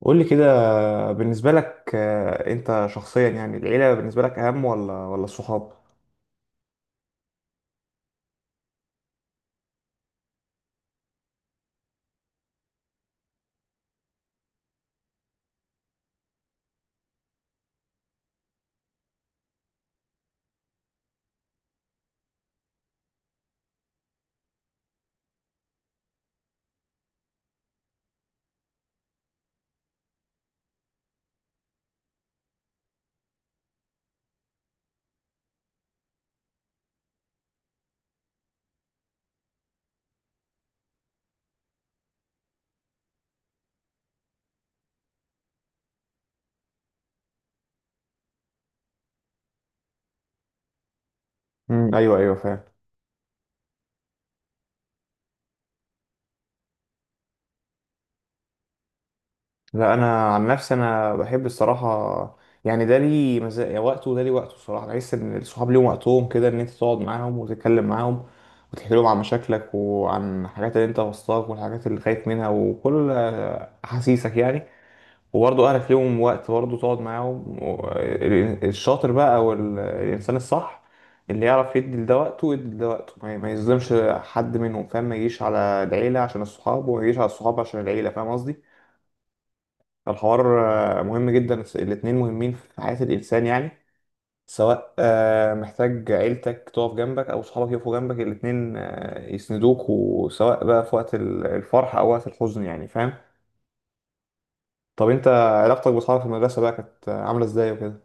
قول لي كده بالنسبة لك انت شخصيا، يعني العيلة بالنسبة لك اهم ولا الصحاب؟ مم. ايوه ايوه فاهم. لا، انا عن نفسي انا بحب الصراحة. يعني ده لي مزايا وقته وده لي وقته، الصراحة بحس ان الصحاب ليهم وقتهم كده، ان انت تقعد معاهم وتتكلم معاهم وتحكي لهم عن مشاكلك وعن الحاجات اللي انت وسطاك والحاجات اللي خايف منها وكل احاسيسك يعني. وبرضه اهلك ليهم وقت برضه تقعد معاهم الشاطر بقى او الانسان الصح اللي يعرف يدي لده وقته ويدي لده وقته، ما يظلمش حد منهم، فاهم؟ ما يجيش على العيلة عشان الصحاب وما يجيش على الصحاب عشان العيلة، فاهم قصدي. فالحوار مهم جدا، الاتنين مهمين في حياة الإنسان يعني. سواء محتاج عيلتك تقف جنبك أو صحابك يقفوا جنبك، الاتنين يسندوك، وسواء بقى في وقت الفرح أو وقت الحزن، يعني فاهم. طب أنت، علاقتك بأصحابك في المدرسة بقى كانت عاملة إزاي وكده؟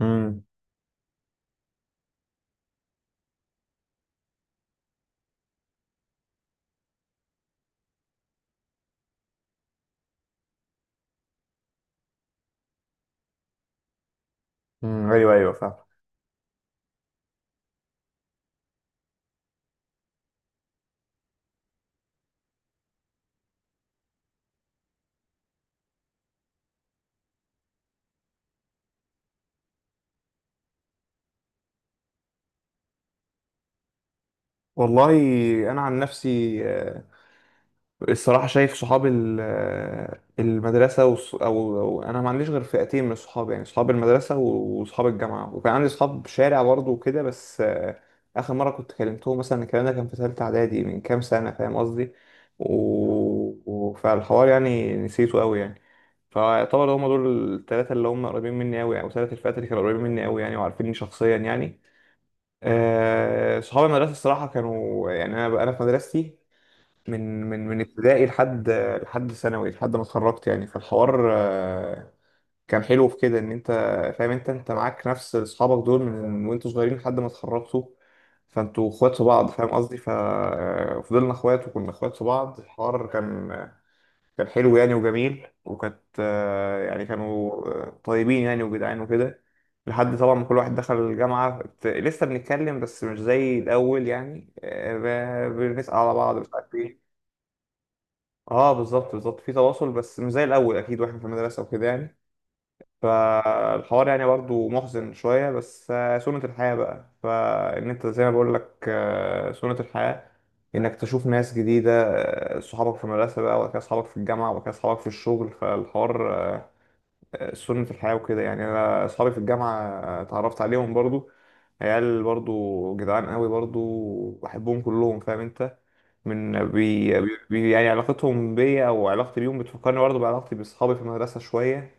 امم. ايوه ايوه فاهم. والله انا عن نفسي الصراحه شايف صحاب المدرسه أو انا ما عنديش غير فئتين من الصحاب، يعني صحاب المدرسه وصحاب الجامعه، وكان عندي صحاب شارع برضه وكده، بس اخر مره كنت كلمتهم مثلا الكلام ده كان في ثالثه اعدادي من كام سنه، فاهم قصدي. و... فالحوار يعني نسيته قوي يعني. فيعتبر هم دول الثلاثه اللي هم قريبين مني قوي، او ثلاث الفئات اللي كانوا قريبين مني قوي يعني، وعارفيني شخصيا يعني. صحاب المدرسة الصراحة كانوا يعني، أنا في مدرستي من ابتدائي لحد ثانوي لحد ما اتخرجت يعني. فالحوار كان حلو في كده، إن أنت فاهم، أنت معاك نفس أصحابك دول من وأنتوا صغيرين لحد ما اتخرجتوا. فأنتوا إخوات في بعض، فاهم قصدي، ففضلنا إخوات وكنا إخوات في بعض. الحوار كان، كان حلو يعني وجميل، وكانت يعني كانوا طيبين يعني وجدعان وكده. لحد طبعا ما كل واحد دخل الجامعة، لسه بنتكلم بس مش زي الأول يعني، بنسأل على بعض مش عارف ايه. اه بالظبط بالظبط، في تواصل بس مش زي الأول أكيد، واحنا في المدرسة وكده يعني. فالحوار يعني برضه محزن شوية، بس سنة الحياة بقى. فإن أنت زي ما بقول لك، سنة الحياة إنك تشوف ناس جديدة. صحابك في المدرسة بقى وبعد كده صحابك في الجامعة وبعد كده صحابك في الشغل. فالحوار سنة الحياة وكده يعني. أنا صحابي في الجامعة اتعرفت عليهم برضه، عيال برضو جدعان قوي، برضو بحبهم كلهم فاهم انت. من بي, بي بي- يعني علاقتهم بيا او علاقتي بيهم بتفكرني برضو بعلاقتي باصحابي في المدرسه شويه.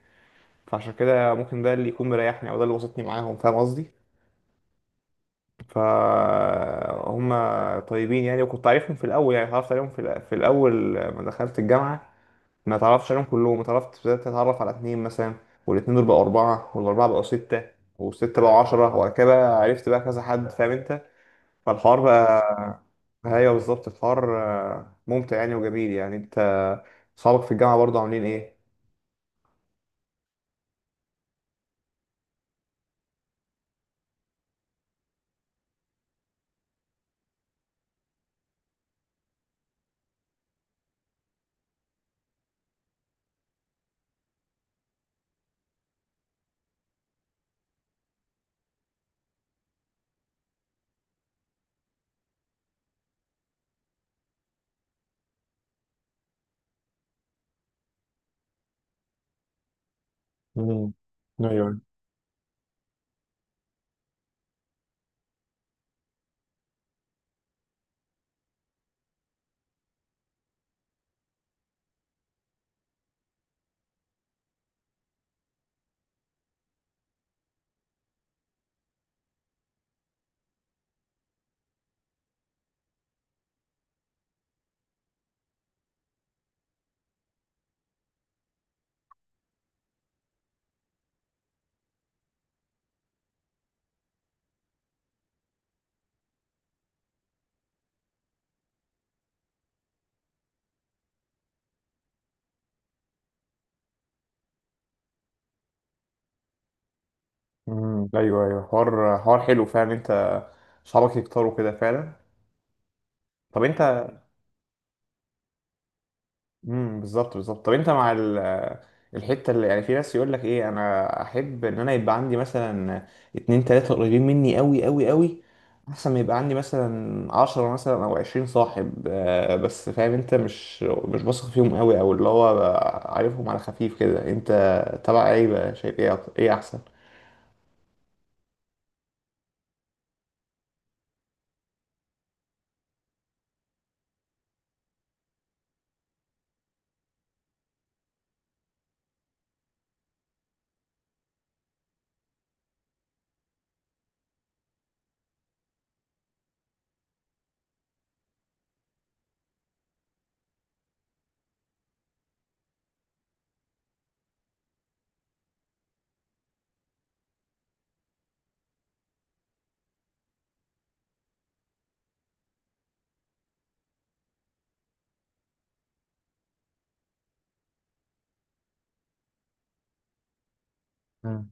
فعشان كده ممكن ده اللي يكون مريحني او ده اللي وسطني معاهم، فاهم قصدي. فهم طيبين يعني، وكنت عارفهم في الاول يعني، اتعرفت عليهم في الاول ما دخلت الجامعه. ما اتعرفتش عليهم كلهم، اتعرفت، بدات اتعرف على اتنين مثلا، والاتنين دول بقوا اربعه والاربعه بقوا سته والسته بقوا 10، وبعد كده بقى عرفت بقى كذا حد، فاهم انت. فالحوار بقى ايوه بالظبط، الحوار ممتع يعني وجميل، يعني انت صحابك في الجامعه برضه عاملين ايه؟ مم. ايوه ايوه ايوه حوار حوار حلو فعلا، انت صحابك يكتروا كده فعلا. طب انت، بالظبط بالظبط، طب انت مع الحته اللي يعني، في ناس يقول لك ايه، انا احب ان انا يبقى عندي مثلا اتنين تلاته قريبين مني قوي قوي قوي، احسن ما يبقى عندي مثلا 10 مثلا او 20 صاحب بس فاهم انت، مش بثق فيهم قوي، او اللي هو بقى عارفهم على خفيف كده، انت تبع ايه بقى شايف ايه ايه احسن؟ مم.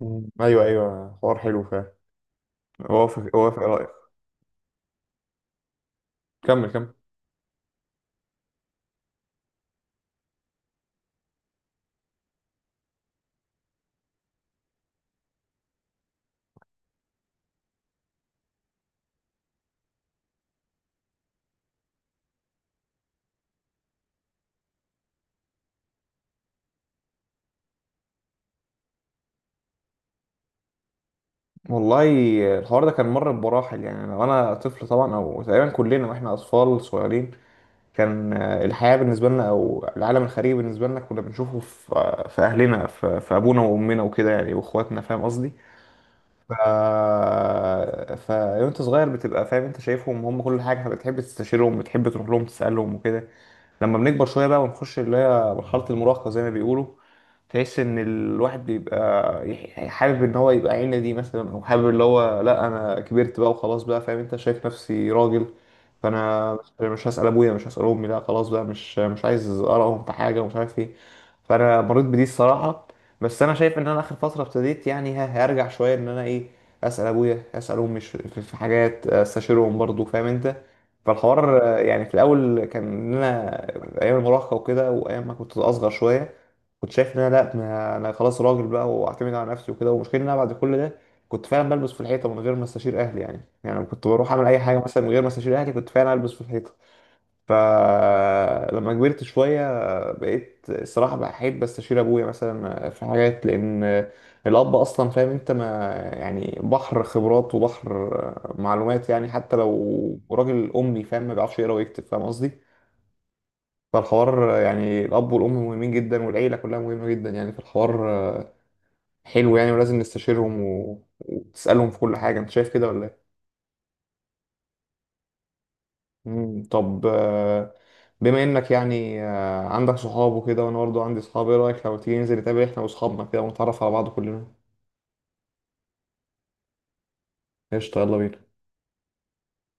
مم. ايوه ايوه حوار حلو فعلا، اوافق اوافق، كمل كمل. والله الحوار ده كان مر بمراحل، يعني لو انا طفل طبعا، او تقريبا كلنا واحنا اطفال صغيرين، كان الحياه بالنسبه لنا او العالم الخارجي بالنسبه لنا كنا بنشوفه في في اهلنا في ابونا وامنا وكده يعني واخواتنا، فاهم قصدي. ف ف وانت صغير بتبقى فاهم، انت شايفهم هم كل حاجه، بتحب تستشيرهم، بتحب تروح لهم تسالهم وكده. لما بنكبر شوية بقى ونخش اللي هي مرحلة المراهقة زي ما بيقولوا، تحس ان الواحد بيبقى يعني حابب ان هو يبقى عيلة دي مثلا، او حابب اللي هو لا انا كبرت بقى وخلاص بقى، فاهم انت، شايف نفسي راجل. فانا مش هسأل ابويا، مش هسأل امي، لا خلاص بقى، مش عايز ارائهم في حاجة ومش عارف ايه. فانا مريت بدي الصراحة، بس انا شايف ان انا اخر فترة ابتديت يعني، هرجع شوية ان انا ايه، اسأل ابويا، اسأل امي، في حاجات استشيرهم برضو، فاهم انت. فالحوار يعني في الاول كان إن انا ايام المراهقه وكده، وايام ما كنت اصغر شويه، كنت شايف ان انا لا، ما انا خلاص راجل بقى واعتمد على نفسي وكده. والمشكله ان انا بعد كل ده كنت فعلا بلبس في الحيطه من غير ما استشير اهلي، يعني لما كنت بروح اعمل اي حاجه مثلا من غير ما استشير اهلي كنت فعلا البس في الحيطه. فلما كبرت شوية بقيت الصراحة بحب استشير ابويا مثلا في حاجات، لان الاب اصلا فاهم انت، ما يعني بحر خبرات وبحر معلومات يعني، حتى لو راجل امي فاهم، ما بيعرفش يقرا ويكتب، فاهم قصدي. فالحوار يعني الاب والام مهمين جدا، والعيلة كلها مهمة جدا يعني، فالحوار حلو يعني، ولازم نستشيرهم وتسألهم في كل حاجة، انت شايف كده ولا إيه؟ مم. طب بما انك يعني عندك صحاب وكده، وانا برضه عندي صحاب، ايه رايك لو تيجي ننزل نتقابل احنا واصحابنا كده ونتعرف على بعض كلنا؟ قشطه، يلا بينا.